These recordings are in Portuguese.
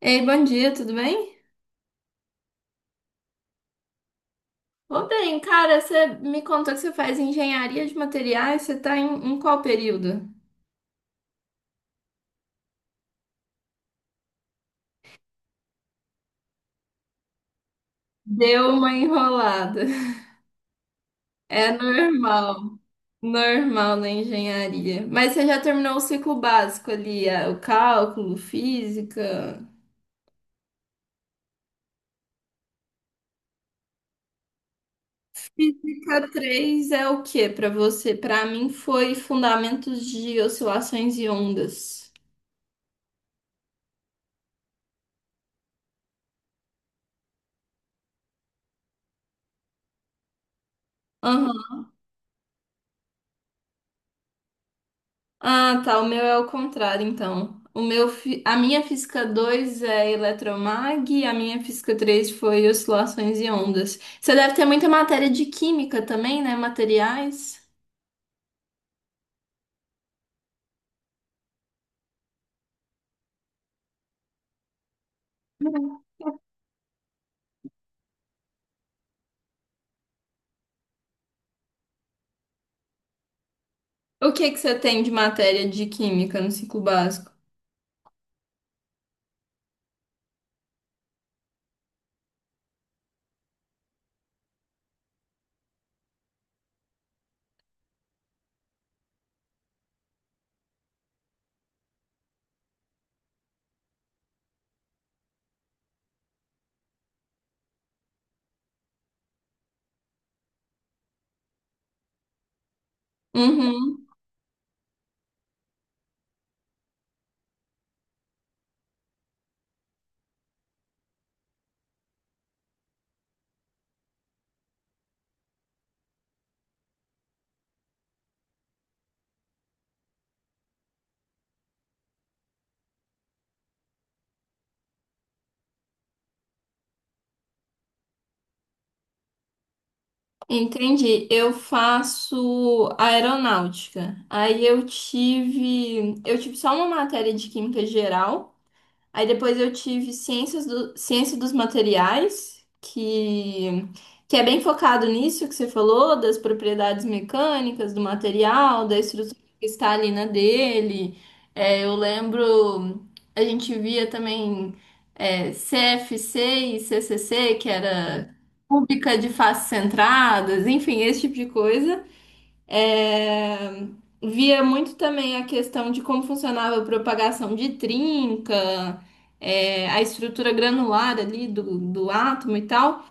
Ei, bom dia, tudo bem? Ô, bem, cara, você me contou que você faz engenharia de materiais, você tá em qual período? Deu uma enrolada. É normal, normal na engenharia. Mas você já terminou o ciclo básico ali, o cálculo, física. Física 3 é o que pra você? Pra mim foi fundamentos de oscilações e ondas. Ah, tá. O meu é o contrário, então. O meu, a minha física 2 é eletromag e a minha física 3 foi oscilações e ondas. Você deve ter muita matéria de química também, né? Materiais. O que que você tem de matéria de química no ciclo básico? Uhum, entendi. Eu faço aeronáutica. Aí eu tive só uma matéria de química geral. Aí depois eu tive ciência dos materiais, que é bem focado nisso que você falou, das propriedades mecânicas do material, da estrutura cristalina dele. É, eu lembro, a gente via também CFC e CCC, que era cúbica de faces centradas, enfim, esse tipo de coisa. É, via muito também a questão de como funcionava a propagação de trinca, é, a estrutura granular ali do átomo e tal.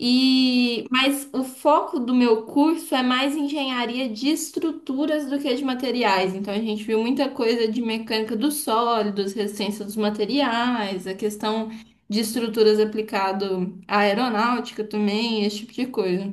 E, mas o foco do meu curso é mais engenharia de estruturas do que de materiais. Então a gente viu muita coisa de mecânica dos sólidos, resistência dos materiais, a questão de estruturas aplicado à aeronáutica também, esse tipo de coisa.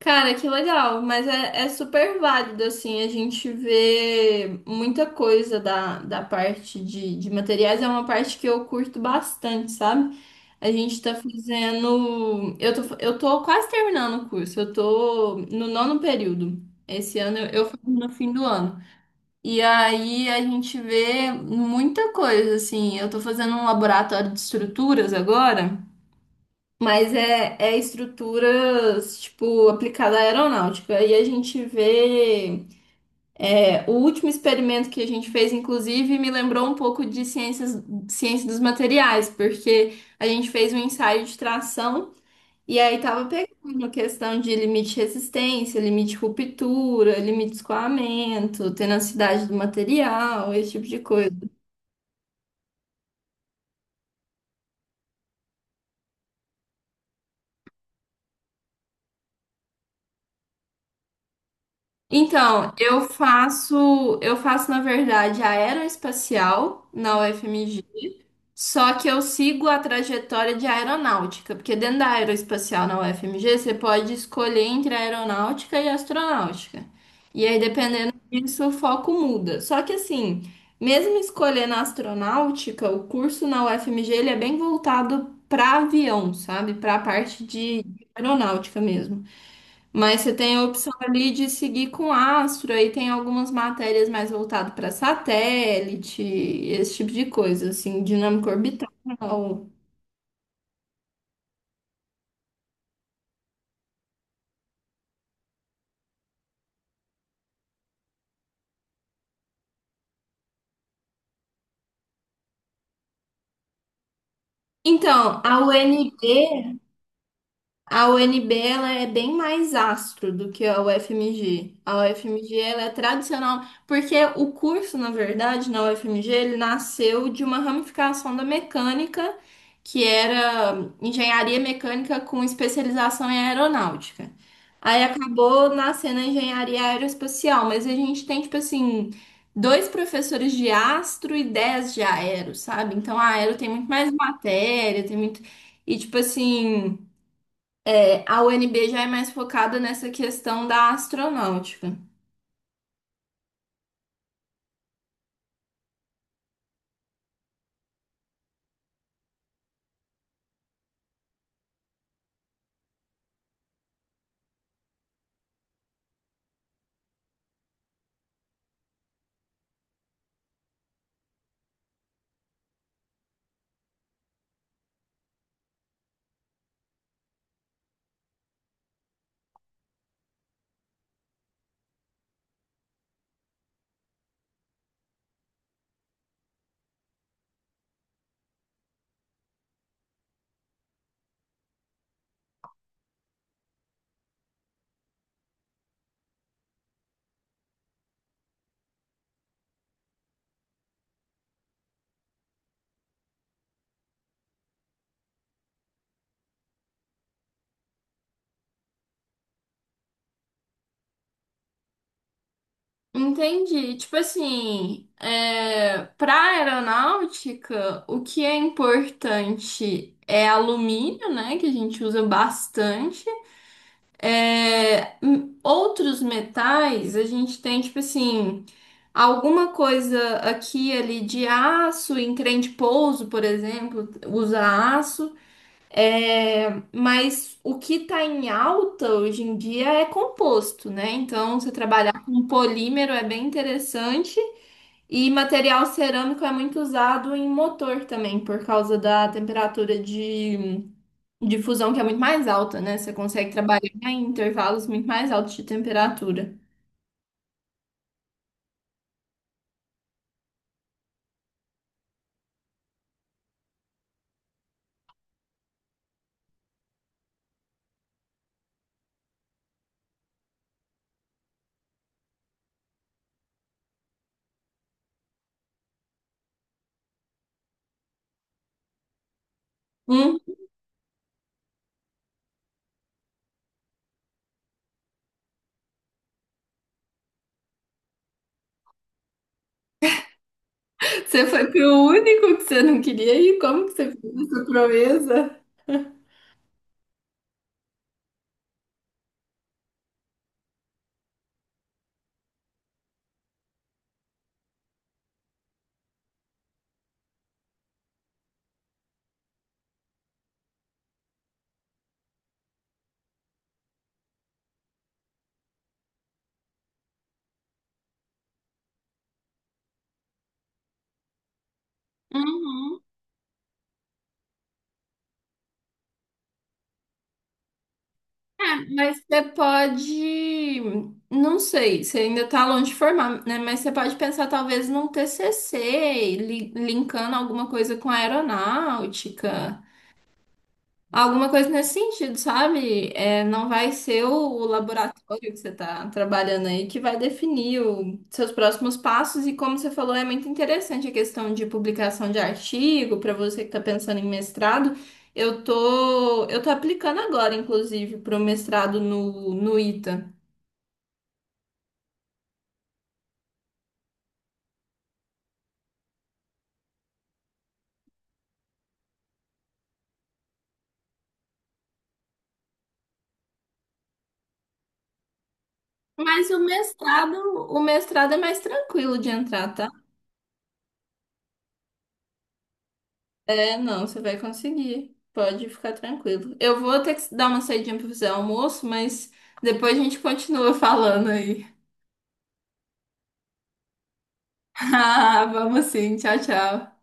Cara, que legal, mas é super válido, assim, a gente vê muita coisa da parte de materiais, é uma parte que eu curto bastante, sabe? A gente tá fazendo. Eu tô quase terminando o curso, eu tô no nono período. Esse ano eu faço no fim do ano. E aí a gente vê muita coisa, assim, eu tô fazendo um laboratório de estruturas agora. Mas é estruturas, tipo, aplicada à aeronáutica. E a gente vê. É o último experimento que a gente fez, inclusive, me lembrou um pouco de ciência dos materiais, porque a gente fez um ensaio de tração e aí tava pegando questão de limite de resistência, limite de ruptura, limite de escoamento, tenacidade do material, esse tipo de coisa. Então, eu faço, na verdade, aeroespacial na UFMG. Só que eu sigo a trajetória de aeronáutica, porque dentro da aeroespacial na UFMG você pode escolher entre aeronáutica e astronáutica. E aí, dependendo disso, o foco muda. Só que assim, mesmo escolhendo astronáutica, o curso na UFMG ele é bem voltado para avião, sabe? Para a parte de aeronáutica mesmo. Mas você tem a opção ali de seguir com astro, aí tem algumas matérias mais voltadas para satélite, esse tipo de coisa, assim, dinâmica orbital. Então, a UNB ela é bem mais astro do que a UFMG. A UFMG ela é tradicional, porque o curso, na verdade, na UFMG, ele nasceu de uma ramificação da mecânica, que era engenharia mecânica com especialização em aeronáutica. Aí acabou nascendo a engenharia aeroespacial, mas a gente tem, tipo assim, dois professores de astro e dez de aero, sabe? Então a aero tem muito mais matéria, tem muito. E, tipo assim. A UNB já é mais focada nessa questão da astronáutica. Entendi. Tipo assim, é, para aeronáutica, o que é importante é alumínio, né, que a gente usa bastante. É, m- outros metais, a gente tem, tipo assim, alguma coisa aqui e ali de aço, em trem de pouso, por exemplo, usa aço. É, mas o que está em alta hoje em dia é composto, né? Então, você trabalhar com polímero é bem interessante e material cerâmico é muito usado em motor também, por causa da temperatura de fusão que é muito mais alta, né? Você consegue trabalhar em intervalos muito mais altos de temperatura. Hum, você foi pro único que você não queria ir? Como que você fez essa proeza? Uhum. Mas você pode, não sei, você ainda está longe de formar, né? Mas você pode pensar talvez num TCC, linkando alguma coisa com a aeronáutica. Alguma coisa nesse sentido, sabe? É, não vai ser o laboratório que você está trabalhando aí que vai definir os seus próximos passos. E como você falou, é muito interessante a questão de publicação de artigo para você que está pensando em mestrado. Eu tô aplicando agora, inclusive, para o mestrado no ITA. Mas o mestrado é mais tranquilo de entrar, tá? É, não, você vai conseguir. Pode ficar tranquilo. Eu vou ter que dar uma saidinha pra fazer almoço, mas depois a gente continua falando aí. Ah, vamos sim. Tchau, tchau.